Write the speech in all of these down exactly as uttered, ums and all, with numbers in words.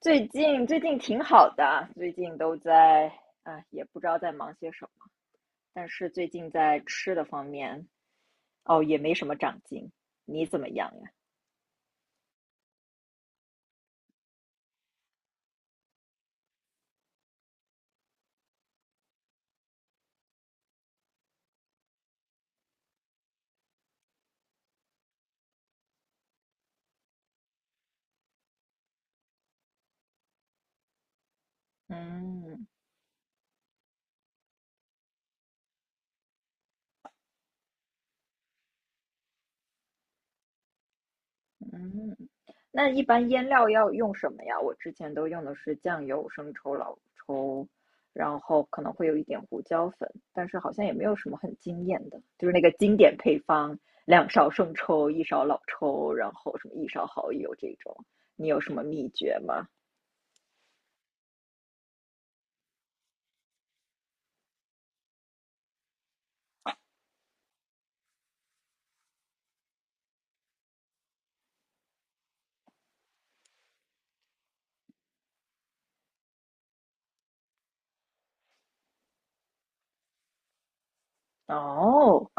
最近最近挺好的，最近都在啊，也不知道在忙些什么，但是最近在吃的方面，哦，也没什么长进。你怎么样呀？嗯。嗯，那一般腌料要用什么呀？我之前都用的是酱油、生抽、老抽，然后可能会有一点胡椒粉，但是好像也没有什么很惊艳的，就是那个经典配方，两勺生抽，一勺老抽，然后什么一勺蚝油这种。你有什么秘诀吗？哦。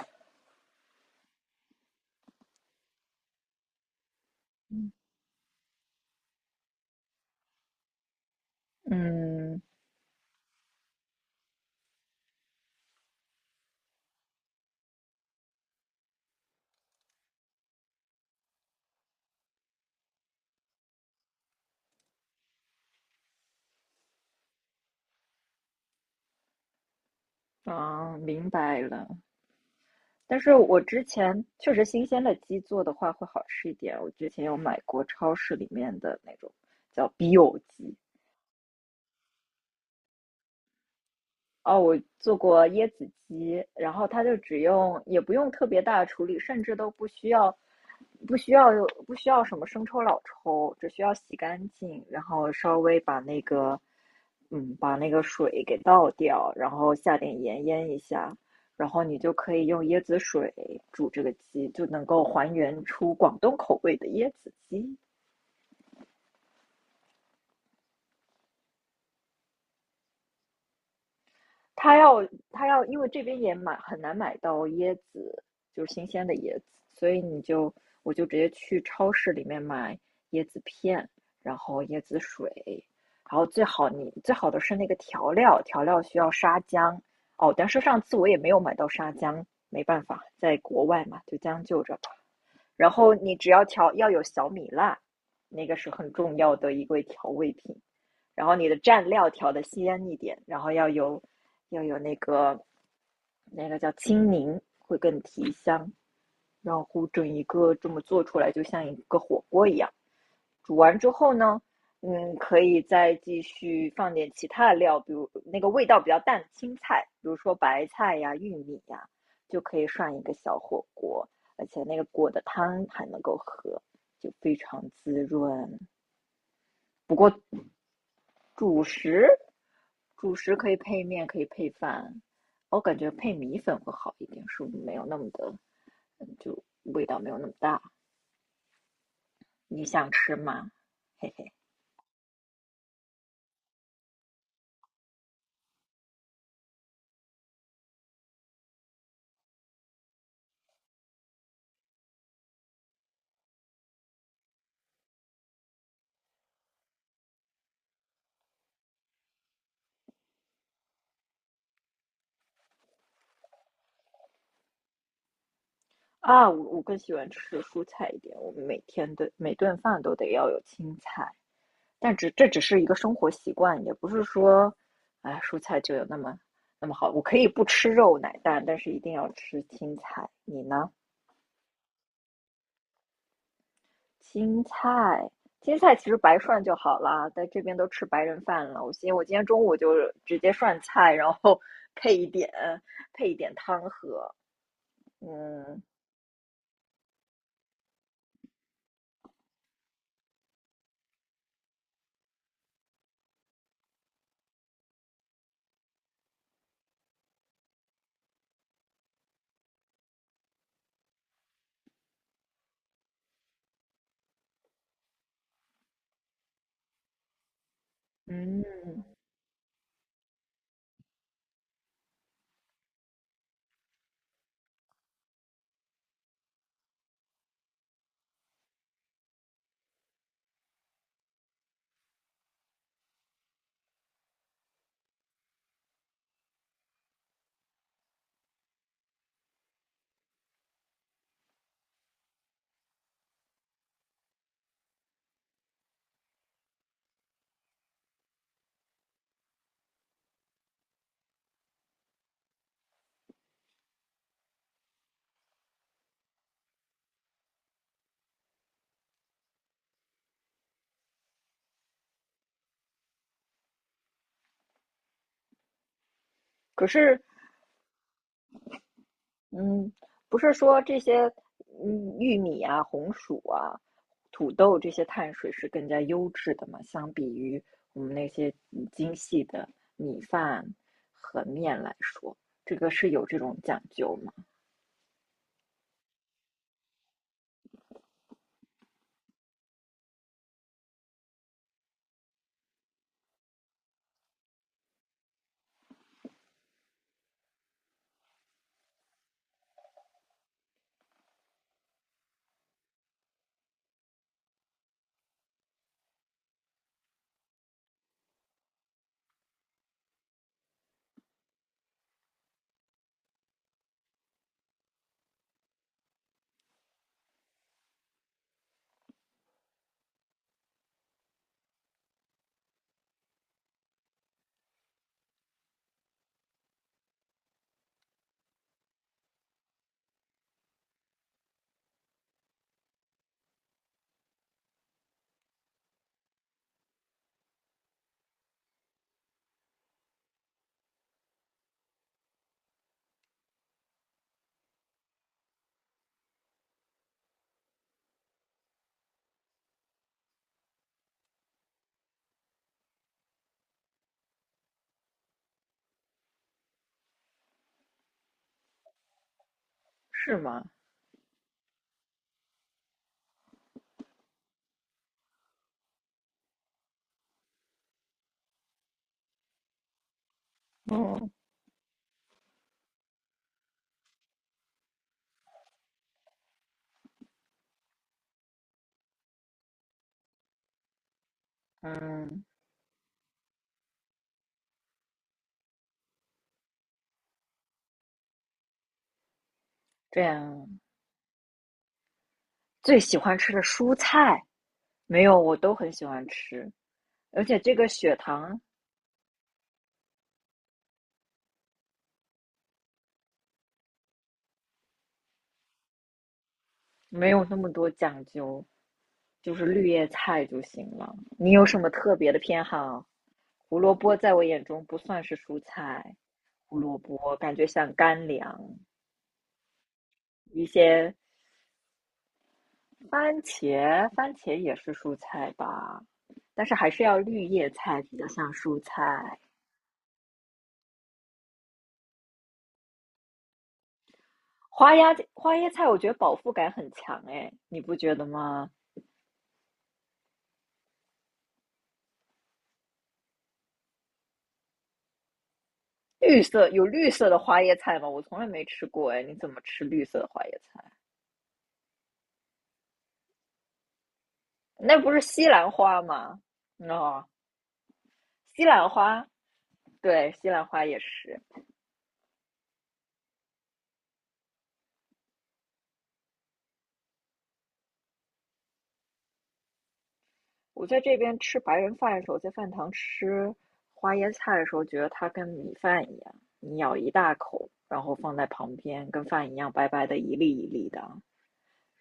嗯。啊，明白了。但是我之前确实新鲜的鸡做的话会好吃一点。我之前有买过超市里面的那种叫 b 有 o 鸡。哦，我做过椰子鸡，然后它就只用，也不用特别大的处理，甚至都不需要，不需要不需要什么生抽、老抽，只需要洗干净，然后稍微把那个，嗯，把那个水给倒掉，然后下点盐腌一下，然后你就可以用椰子水煮这个鸡，就能够还原出广东口味的椰子鸡。他要他要，因为这边也买很难买到椰子，就是新鲜的椰子，所以你就我就直接去超市里面买椰子片，然后椰子水，然后最好你最好的是那个调料，调料需要沙姜。哦，但是上次我也没有买到沙姜，没办法，在国外嘛，就将就着吧。然后你只要调要有小米辣，那个是很重要的一个调味品。然后你的蘸料调的鲜一点，然后要有要有那个那个叫青柠，会更提香。然后整一个这么做出来，就像一个火锅一样。煮完之后呢，嗯，可以再继续放点其他的料，比如那个味道比较淡的青菜，比如说白菜呀、玉米呀，就可以涮一个小火锅。而且那个果的汤还能够喝，就非常滋润。不过主食，主食可以配面，可以配饭，我感觉配米粉会好一点，是没有那么的，就味道没有那么大。你想吃吗？嘿嘿。啊，我我更喜欢吃蔬菜一点，我们每天的每顿饭都得要有青菜，但只这只是一个生活习惯，也不是说，哎，蔬菜就有那么那么好。我可以不吃肉奶蛋，但是一定要吃青菜。你呢？青菜，青菜其实白涮就好啦，在这边都吃白人饭了。我今我今天中午就直接涮菜，然后配一点配一点汤喝。嗯。嗯，可是，嗯，不是说这些，嗯，玉米啊、红薯啊、土豆这些碳水是更加优质的嘛？相比于我们那些嗯精细的米饭和面来说，这个是有这种讲究吗？是吗？嗯。嗯。这样最喜欢吃的蔬菜没有，我都很喜欢吃，而且这个血糖没有那么多讲究，就是绿叶菜就行了。你有什么特别的偏好？胡萝卜在我眼中不算是蔬菜，胡萝卜感觉像干粮。一些番茄，番茄也是蔬菜吧，但是还是要绿叶菜比较像蔬菜。花椰花椰菜，我觉得饱腹感很强哎，你不觉得吗？绿色有绿色的花椰菜吗？我从来没吃过哎，你怎么吃绿色的花椰菜？那不是西兰花吗？哦，西兰花，对，西兰花也是。我在这边吃白人饭的时候，在饭堂吃花椰菜的时候，觉得它跟米饭一样，你咬一大口，然后放在旁边，跟饭一样白白的一粒一粒的，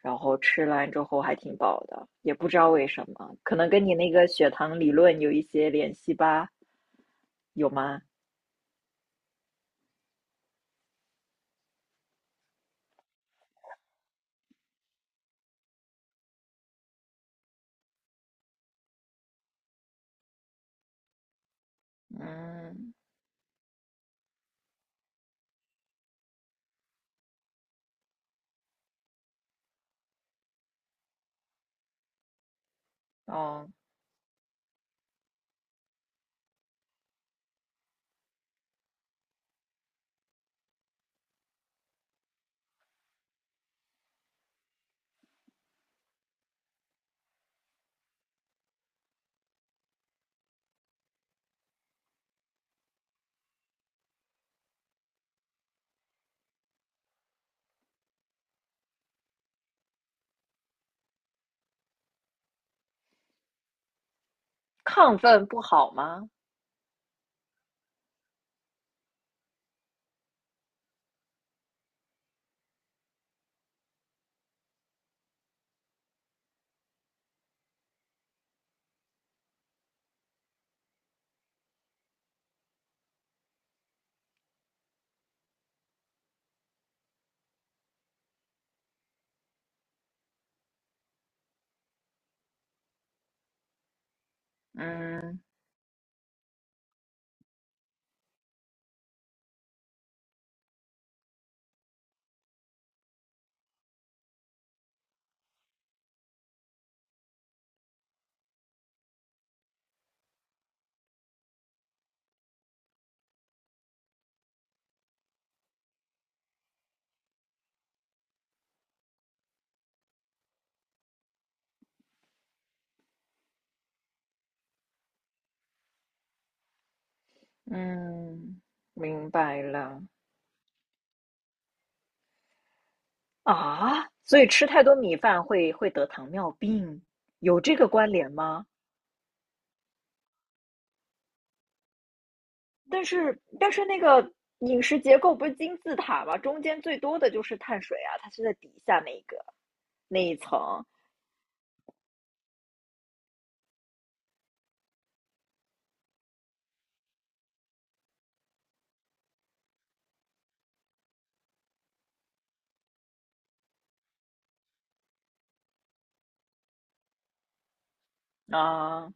然后吃完之后还挺饱的，也不知道为什么，可能跟你那个血糖理论有一些联系吧？有吗？嗯。哦。亢奋不好吗？嗯。嗯，明白了。啊，所以吃太多米饭会会得糖尿病，有这个关联吗？但是但是那个饮食结构不是金字塔吗？中间最多的就是碳水啊，它是在底下那一个那一层。啊。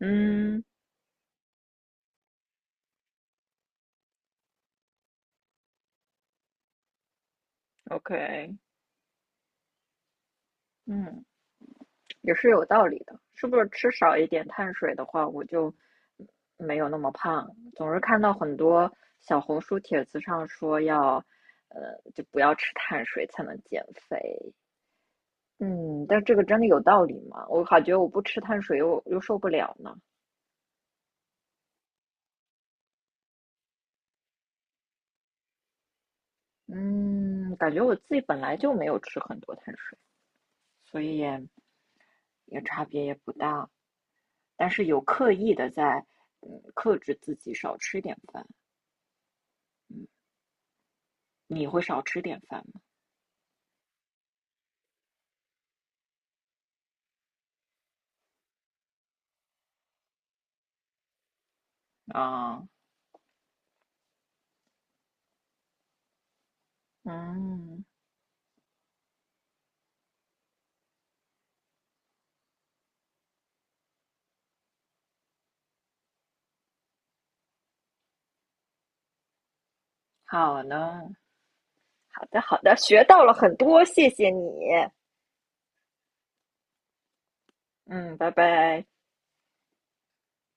嗯。O K。嗯，也是有道理的，是不是吃少一点碳水的话，我就没有那么胖？总是看到很多小红书帖子上说要，呃，就不要吃碳水才能减肥。嗯，但这个真的有道理吗？我感觉我不吃碳水又又受不了呢。嗯，感觉我自己本来就没有吃很多碳水，所以也也差别也不大。但是有刻意的在，嗯，克制自己少吃点饭。嗯，你会少吃点饭吗？啊。嗯。好呢，好的好的，学到了很多，谢谢你。嗯，拜拜。